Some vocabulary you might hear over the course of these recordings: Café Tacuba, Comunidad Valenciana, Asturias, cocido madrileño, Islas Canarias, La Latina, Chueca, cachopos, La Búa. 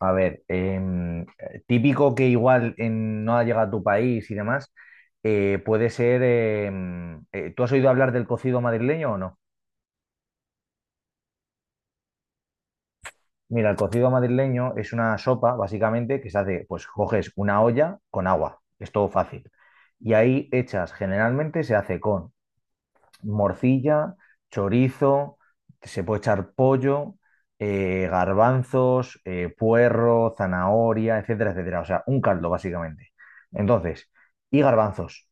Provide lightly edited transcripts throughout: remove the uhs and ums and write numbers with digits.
A ver, típico que igual no ha llegado a tu país y demás, puede ser, ¿tú has oído hablar del cocido madrileño o no? Mira, el cocido madrileño es una sopa, básicamente, que se hace, pues coges una olla con agua, es todo fácil. Y ahí echas, generalmente se hace con morcilla, chorizo, se puede echar pollo, garbanzos, puerro, zanahoria, etcétera, etcétera. O sea, un caldo, básicamente. Entonces, y garbanzos.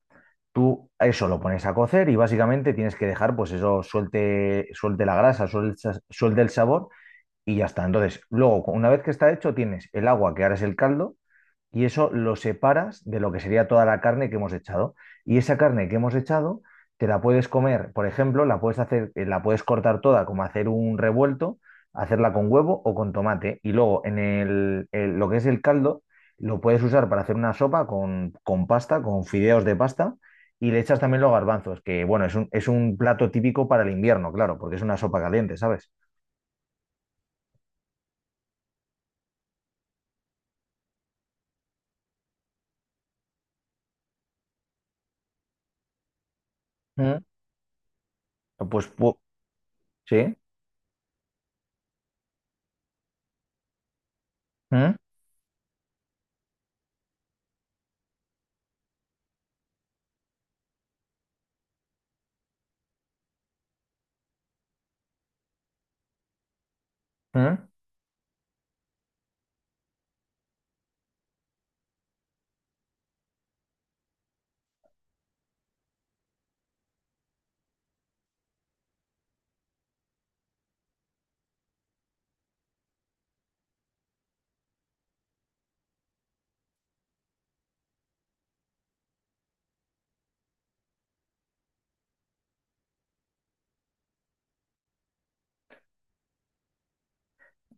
Tú eso lo pones a cocer y básicamente tienes que dejar, pues eso suelte, suelte la grasa, suelte el sabor y ya está. Entonces, luego, una vez que está hecho, tienes el agua, que ahora es el caldo, y eso lo separas de lo que sería toda la carne que hemos echado. Y esa carne que hemos echado te la puedes comer, por ejemplo, la puedes hacer, la puedes cortar toda, como hacer un revuelto, hacerla con huevo o con tomate. Y luego en lo que es el caldo, lo puedes usar para hacer una sopa con pasta, con fideos de pasta, y le echas también los garbanzos, que bueno, es un plato típico para el invierno, claro, porque es una sopa caliente, ¿sabes? Mm. Pues pu- sí. Mm, mm.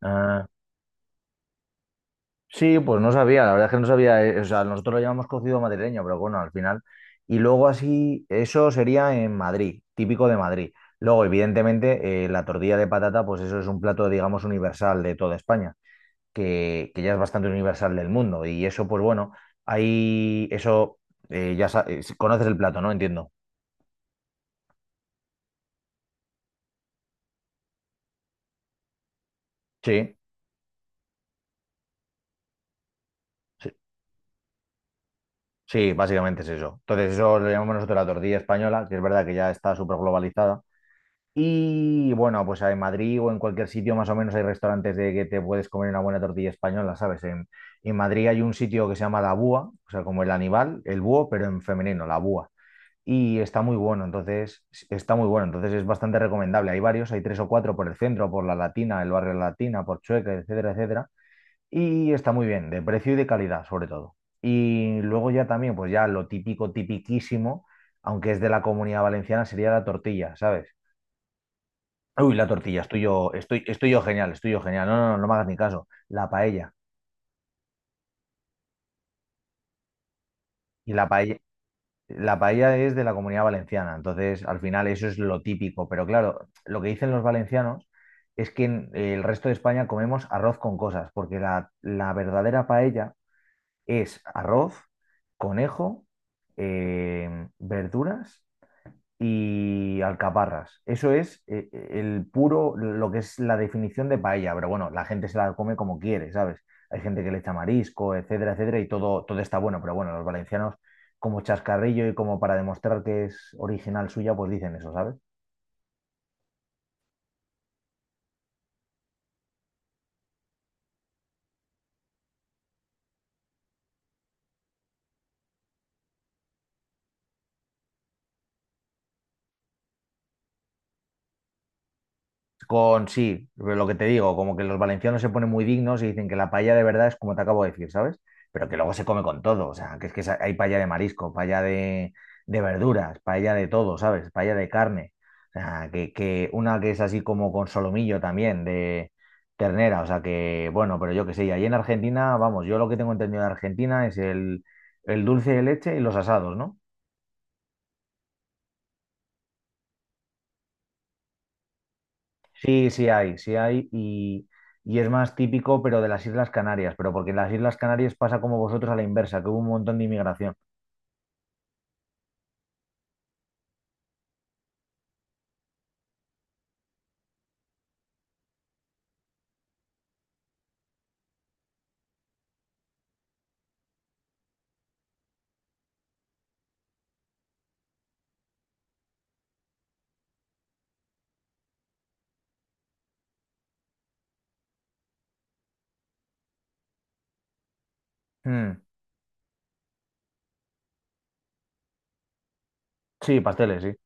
Ah, sí, pues no sabía, la verdad es que no sabía, o sea, nosotros lo llamamos cocido madrileño, pero bueno, al final. Y luego así, eso sería en Madrid, típico de Madrid. Luego, evidentemente, la tortilla de patata, pues eso es un plato, digamos, universal de toda España, que ya es bastante universal del mundo. Y eso, pues bueno, ahí, eso, conoces el plato, ¿no? Entiendo. Sí, sí, sí, básicamente es eso. Entonces, eso lo llamamos nosotros la tortilla española, que es verdad que ya está súper globalizada. Y bueno, pues en Madrid o en cualquier sitio más o menos hay restaurantes de que te puedes comer una buena tortilla española, ¿sabes? En Madrid hay un sitio que se llama La Búa, o sea, como el animal, el búho, pero en femenino, La Búa. Y está muy bueno, entonces, está muy bueno, entonces es bastante recomendable. Hay varios, hay tres o cuatro por el centro, por La Latina, el barrio Latina, por Chueca, etcétera, etcétera. Y está muy bien, de precio y de calidad, sobre todo. Y luego ya también, pues ya lo típico, tipiquísimo, aunque es de la Comunidad Valenciana, sería la tortilla, ¿sabes? Uy, la tortilla, estoy yo genial, estoy yo genial. No, no, no, no me hagas ni caso. La paella. Y la paella es de la Comunidad Valenciana. Entonces, al final, eso es lo típico. Pero claro, lo que dicen los valencianos es que en el resto de España comemos arroz con cosas, porque la verdadera paella es arroz, conejo, verduras y alcaparras. Eso es el puro, lo que es la definición de paella, pero bueno, la gente se la come como quiere, ¿sabes? Hay gente que le echa marisco, etcétera, etcétera, y todo, todo está bueno, pero bueno, los valencianos como chascarrillo y como para demostrar que es original suya, pues dicen eso, ¿sabes? Con sí, pero lo que te digo, como que los valencianos se ponen muy dignos y dicen que la paella de verdad es como te acabo de decir, ¿sabes? Pero que luego se come con todo, o sea, que es que sa- hay paella de marisco, de verduras, paella de todo, ¿sabes? Paella de carne, o sea, que una que es así como con solomillo también, de ternera, o sea, que bueno, pero yo qué sé, y ahí en Argentina, vamos, yo lo que tengo entendido de Argentina es el dulce de leche y los asados, ¿no? Sí, sí hay, y es más típico, pero de las Islas Canarias, pero porque en las Islas Canarias pasa como vosotros a la inversa, que hubo un montón de inmigración. Mm. Sí, pasteles, sí.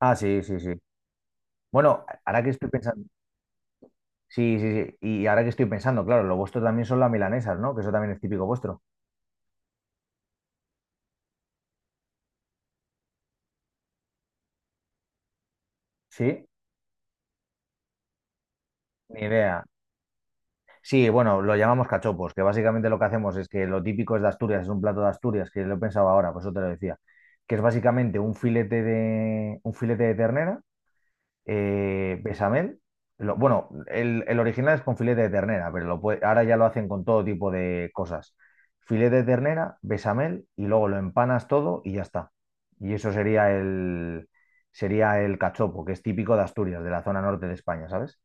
Ah, sí, sí, sí. Bueno, ahora que estoy pensando, sí, sí, sí, y ahora que estoy pensando, claro, lo vuestro también son las milanesas, ¿no? Que eso también es típico vuestro. Sí, ni idea. Sí, bueno, lo llamamos cachopos, que básicamente lo que hacemos es que lo típico es de Asturias, es un plato de Asturias, que lo he pensado ahora, por eso te lo decía, que es básicamente un filete de ternera. Bechamel. Bueno, el original es con filete de ternera, pero ahora ya lo hacen con todo tipo de cosas. Filete de ternera, bechamel y luego lo empanas todo y ya está. Y eso sería sería el cachopo, que es típico de Asturias, de la zona norte de España, ¿sabes?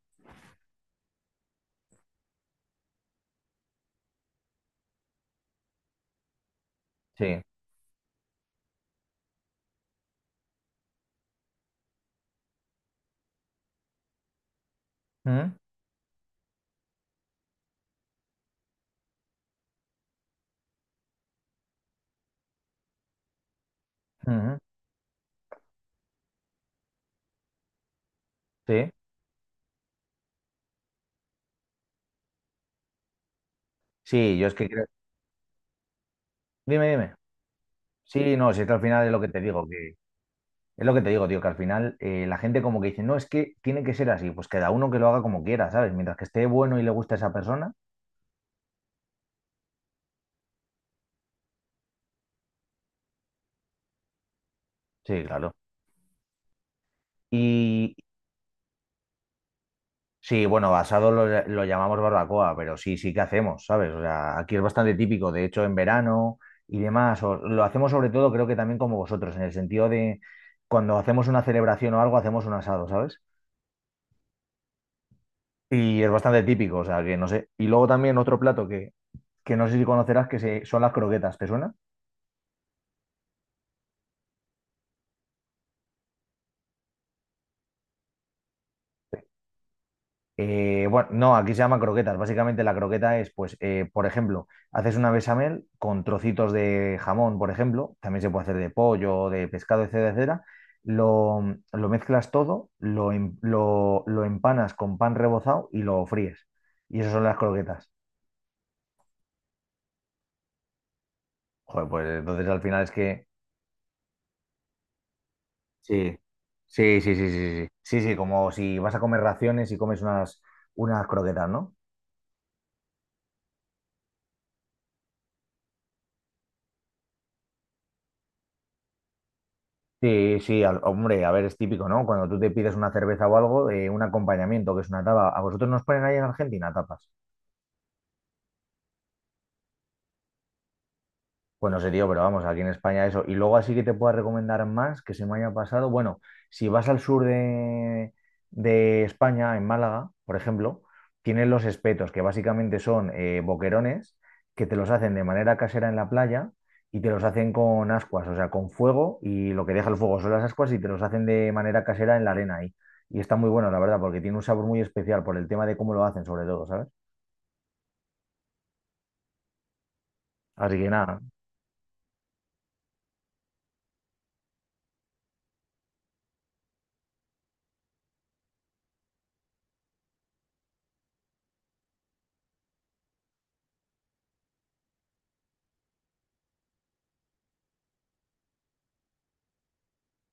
Sí. Ujú, ujú. Sí. Sí, yo es que creo. Dime, dime. Sí, no, si es que al final es lo que te digo, es lo que te digo, tío, que al final la gente como que dice, no, es que tiene que ser así, pues cada uno que lo haga como quiera, ¿sabes? Mientras que esté bueno y le guste a esa persona. Sí, claro. Y sí, bueno, basado lo llamamos barbacoa, pero sí, sí que hacemos, ¿sabes? O sea, aquí es bastante típico, de hecho, en verano y demás, lo hacemos sobre todo, creo que también como vosotros, en el sentido de cuando hacemos una celebración o algo, hacemos un asado, ¿sabes? Y es bastante típico, o sea, que no sé. Y luego también que no sé si conocerás, son las croquetas, ¿te suena? Bueno, no, aquí se llama croquetas. Básicamente la croqueta es, pues, por ejemplo, haces una bechamel con trocitos de jamón, por ejemplo, también se puede hacer de pollo, de pescado, etcétera, etcétera. Lo, lo mezclas todo, lo empanas con pan rebozado y lo fríes. Y eso son las croquetas. Joder, pues entonces al final es que... Sí, sí, sí, sí, sí, sí. Sí, sí, como si vas a comer raciones y comes unas, unas croquetas, ¿no? Sí, sí, hombre, a ver, es típico, ¿no? Cuando tú te pides una cerveza o algo, un acompañamiento, que es una tapa. ¿A vosotros nos ponen ahí en Argentina tapas? Bueno, serio, pero vamos, aquí en España eso. Y luego así que te pueda recomendar más que se me haya pasado. Bueno, si vas al sur de España, en Málaga, por ejemplo, tienen los espetos, que básicamente son boquerones que te los hacen de manera casera en la playa y te los hacen con ascuas, o sea, con fuego y lo que deja el fuego son las ascuas y te los hacen de manera casera en la arena ahí. Y está muy bueno, la verdad, porque tiene un sabor muy especial por el tema de cómo lo hacen, sobre todo, ¿sabes? Así que nada.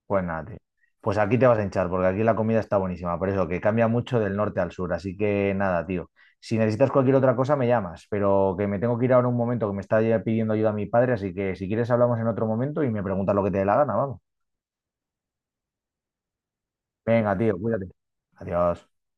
Pues nada, tío. Pues aquí te vas a hinchar, porque aquí la comida está buenísima, por eso que cambia mucho del norte al sur. Así que nada, tío. Si necesitas cualquier otra cosa, me llamas, pero que me tengo que ir ahora un momento, que me está ya pidiendo ayuda mi padre, así que si quieres hablamos en otro momento y me preguntas lo que te dé la gana, vamos. Venga, tío, cuídate. Adiós.